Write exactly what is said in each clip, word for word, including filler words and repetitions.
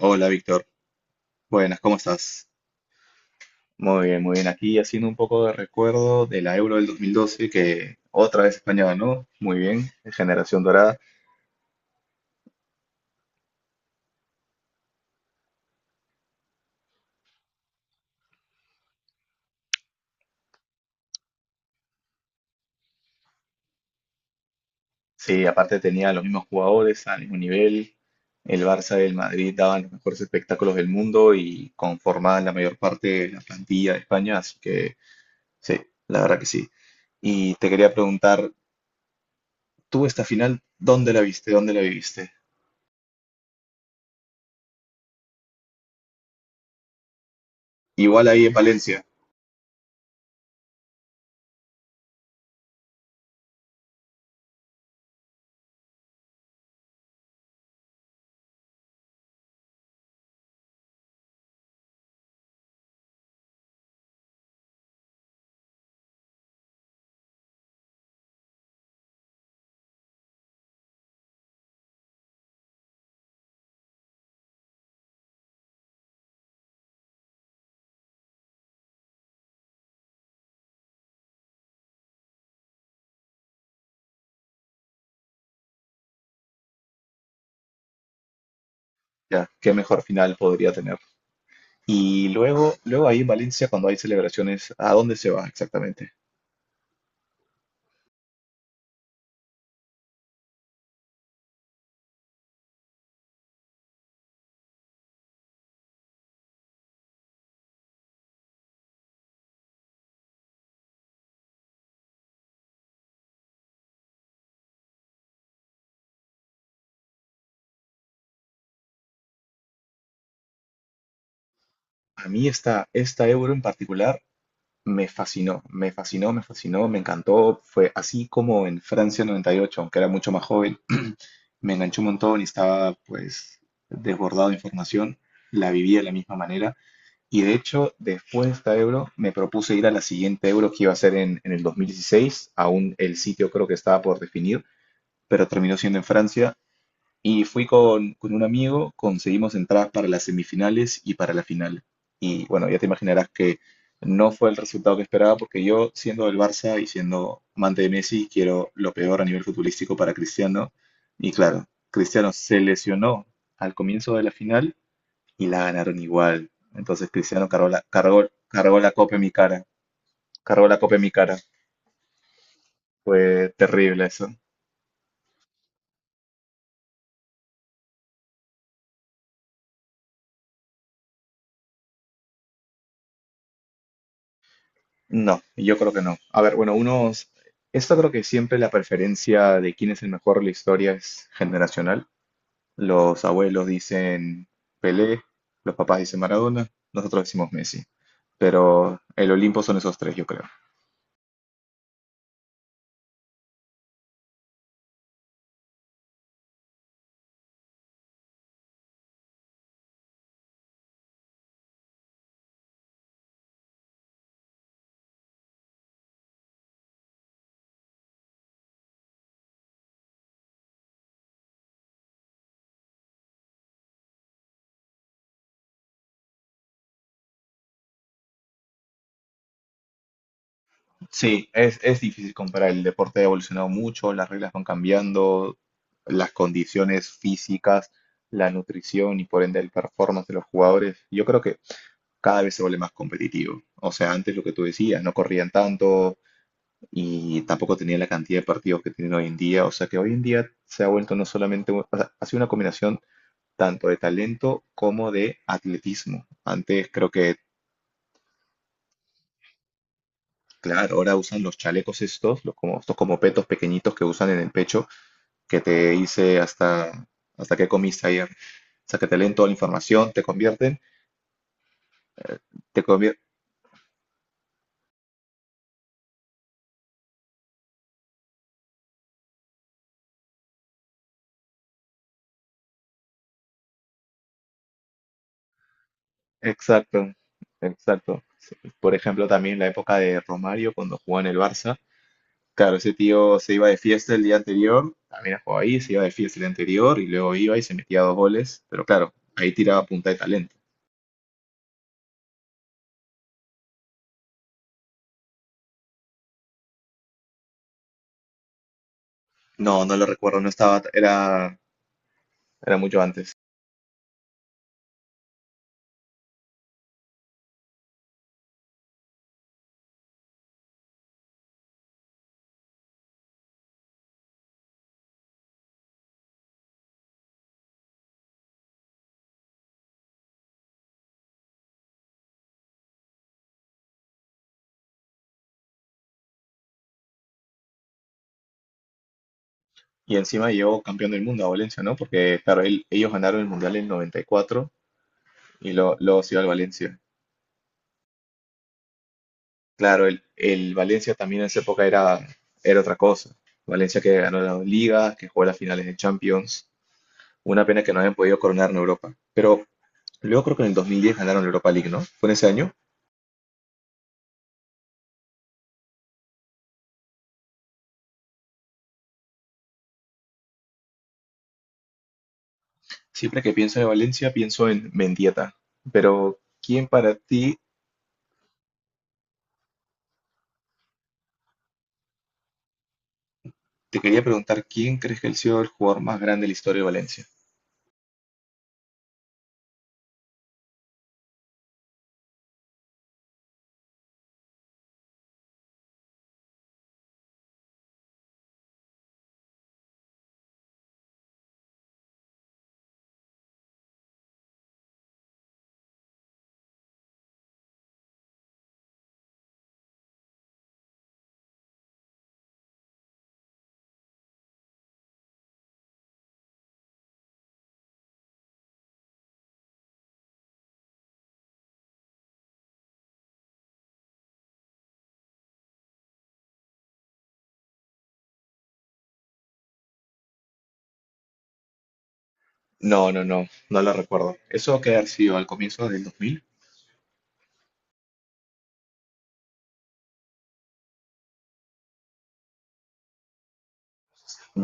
Hola Víctor, buenas, ¿cómo estás? Muy bien, muy bien. Aquí haciendo un poco de recuerdo de la Euro del dos mil doce que otra vez España ganó. Muy bien, generación dorada. Sí, aparte tenía los mismos jugadores al mismo nivel. El Barça y el Madrid daban los mejores espectáculos del mundo y conformaban la mayor parte de la plantilla de España, así que sí, la verdad que sí. Y te quería preguntar, ¿tú esta final dónde la viste? ¿Dónde la viviste? Igual ahí en Valencia, ya, ¿qué mejor final podría tener? Y luego, luego ahí en Valencia, cuando hay celebraciones, ¿a dónde se va exactamente? A mí esta, esta Euro en particular me fascinó, me fascinó, me fascinó, me encantó. Fue así como en Francia noventa y ocho, aunque era mucho más joven, me enganchó un montón y estaba pues desbordado de información. La viví de la misma manera. Y de hecho, después de esta Euro, me propuse ir a la siguiente Euro que iba a ser en, en el dos mil dieciséis. Aún el sitio creo que estaba por definir, pero terminó siendo en Francia. Y fui con, con un amigo, conseguimos entradas para las semifinales y para la final. Y bueno, ya te imaginarás que no fue el resultado que esperaba porque yo, siendo del Barça y siendo amante de Messi, quiero lo peor a nivel futbolístico para Cristiano. Y claro, Cristiano se lesionó al comienzo de la final y la ganaron igual. Entonces Cristiano cargó la, cargó, cargó la copa en mi cara, cargó la copa en mi cara. Fue terrible eso. No, yo creo que no. A ver, bueno, unos... Esto creo que siempre la preferencia de quién es el mejor de la historia es generacional. Los abuelos dicen Pelé, los papás dicen Maradona, nosotros decimos Messi. Pero el Olimpo son esos tres, yo creo. Sí, es, es difícil comparar. El deporte ha evolucionado mucho, las reglas van cambiando, las condiciones físicas, la nutrición y por ende el performance de los jugadores. Yo creo que cada vez se vuelve más competitivo. O sea, antes lo que tú decías, no corrían tanto, y tampoco tenía la cantidad de partidos que tienen hoy en día. O sea que hoy en día se ha vuelto no solamente, un- o sea, ha sido una combinación tanto de talento como de atletismo. Antes creo que, claro, ahora usan los chalecos estos, los como, estos como petos pequeñitos que usan en el pecho, que te dice hasta, hasta qué comiste ayer. O sea que te leen toda la información, te convierten, te convierten. Exacto, exacto. Por ejemplo, también la época de Romario cuando jugaba en el Barça. Claro, ese tío se iba de fiesta el día anterior, también jugó ahí, se iba de fiesta el día anterior y luego iba y se metía dos goles, pero claro, ahí tiraba punta de talento. No, no lo recuerdo, no estaba, era, era mucho antes. Y encima llegó campeón del mundo a Valencia, ¿no? Porque, claro, él- ellos ganaron el Mundial en noventa y cuatro y cuatro y lo- luego se iba al Valencia. Claro, el, el Valencia también en esa época era, era otra cosa. Valencia que ganó la Liga, que jugó las finales de Champions. Una pena que no hayan podido coronar en Europa. Pero luego creo que en el dos mil diez ganaron la Europa League, ¿no? Fue en ese año. Siempre que pienso en Valencia, pienso en Mendieta. Pero, ¿quién para ti? Te quería preguntar, ¿quién crees que ha sido el jugador más grande de la historia de Valencia? No, no, no, no lo recuerdo. ¿Eso que ha sido al comienzo del dos mil?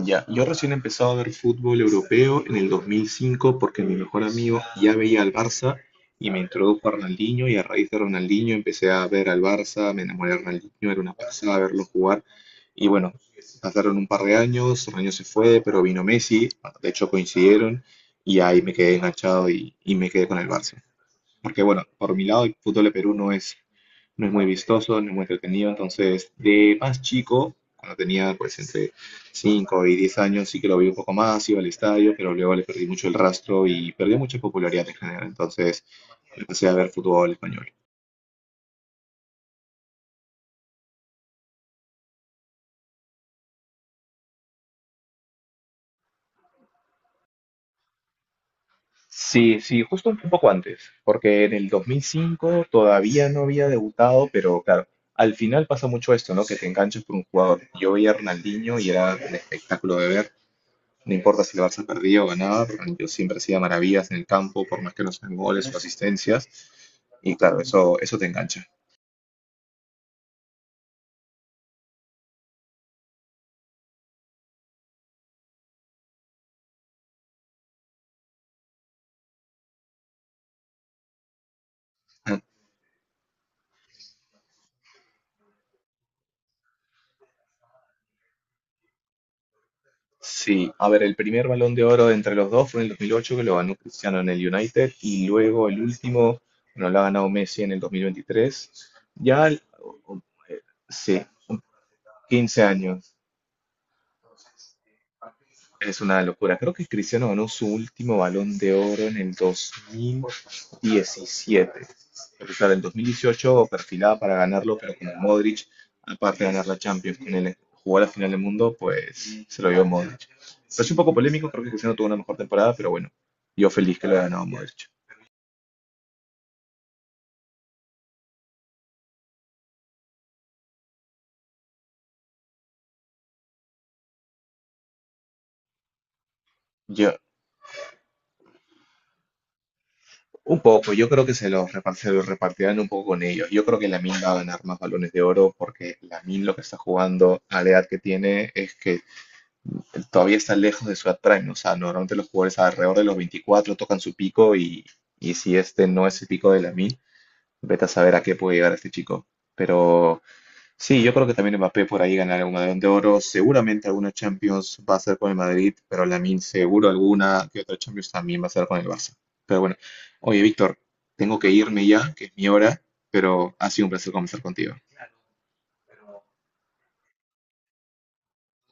Ya, yo recién he empezado a ver fútbol europeo en el dos mil cinco porque mi mejor amigo ya veía al Barça y me introdujo a Ronaldinho y a raíz de Ronaldinho empecé a ver al Barça, me enamoré de Ronaldinho, era una pasada verlo jugar. Y bueno, pasaron un par de años, Ronaldinho se fue, pero vino Messi, de hecho coincidieron y ahí me quedé enganchado y, y me quedé con el Barça. Porque bueno, por mi lado el fútbol de Perú no es, no es muy vistoso, no es muy entretenido, entonces de más chico, cuando tenía pues entre cinco y diez años, sí que lo vi un poco más, iba al estadio, pero luego le perdí mucho el rastro y perdí mucha popularidad en general, entonces empecé a ver fútbol español. Sí, sí, justo un poco antes, porque en el dos mil cinco todavía no había debutado, pero claro, al final pasa mucho esto, ¿no? Que te enganchas por un jugador. Yo veía a Ronaldinho y era un espectáculo de ver. No importa si el Barça perdió o ganaba, yo siempre hacía maravillas en el campo, por más que no sean goles o asistencias. Y claro, eso, eso te engancha. Sí, a ver, el primer balón de oro entre los dos fue en el dos mil ocho, que lo ganó Cristiano en el United, y luego el último, bueno, lo ha ganado Messi en el dos mil veintitrés. Ya, eh, sí, quince años. Es una locura. Creo que Cristiano ganó su último Balón de Oro en el dos mil diecisiete. Porque claro, en dos mil dieciocho perfilaba para ganarlo, pero con Modric, aparte de ganar la Champions, con él jugó la final del mundo, pues se lo dio Modric. Pero es un poco polémico, creo que Cristiano tuvo una mejor temporada, pero bueno, yo feliz que lo haya ganado Modric. Yo, un poco, yo creo que se los repar- se los repartirán un poco con ellos. Yo creo que Lamine va a ganar más balones de oro porque Lamine lo que está jugando a la edad que tiene es que todavía está lejos de su edad prime. O sea, normalmente los jugadores alrededor de los veinticuatro tocan su pico y, y si este no es el pico de Lamine, vete a saber a qué puede llegar este chico. Pero sí, yo creo que también Mbappé por ahí ganará algún Balón de Oro. Seguramente alguna Champions va a ser con el Madrid, pero Lamine seguro alguna que otra Champions también va a ser con el Barça. Pero bueno, oye, Víctor, tengo que irme ya, que es mi hora, pero ha sido un placer conversar contigo.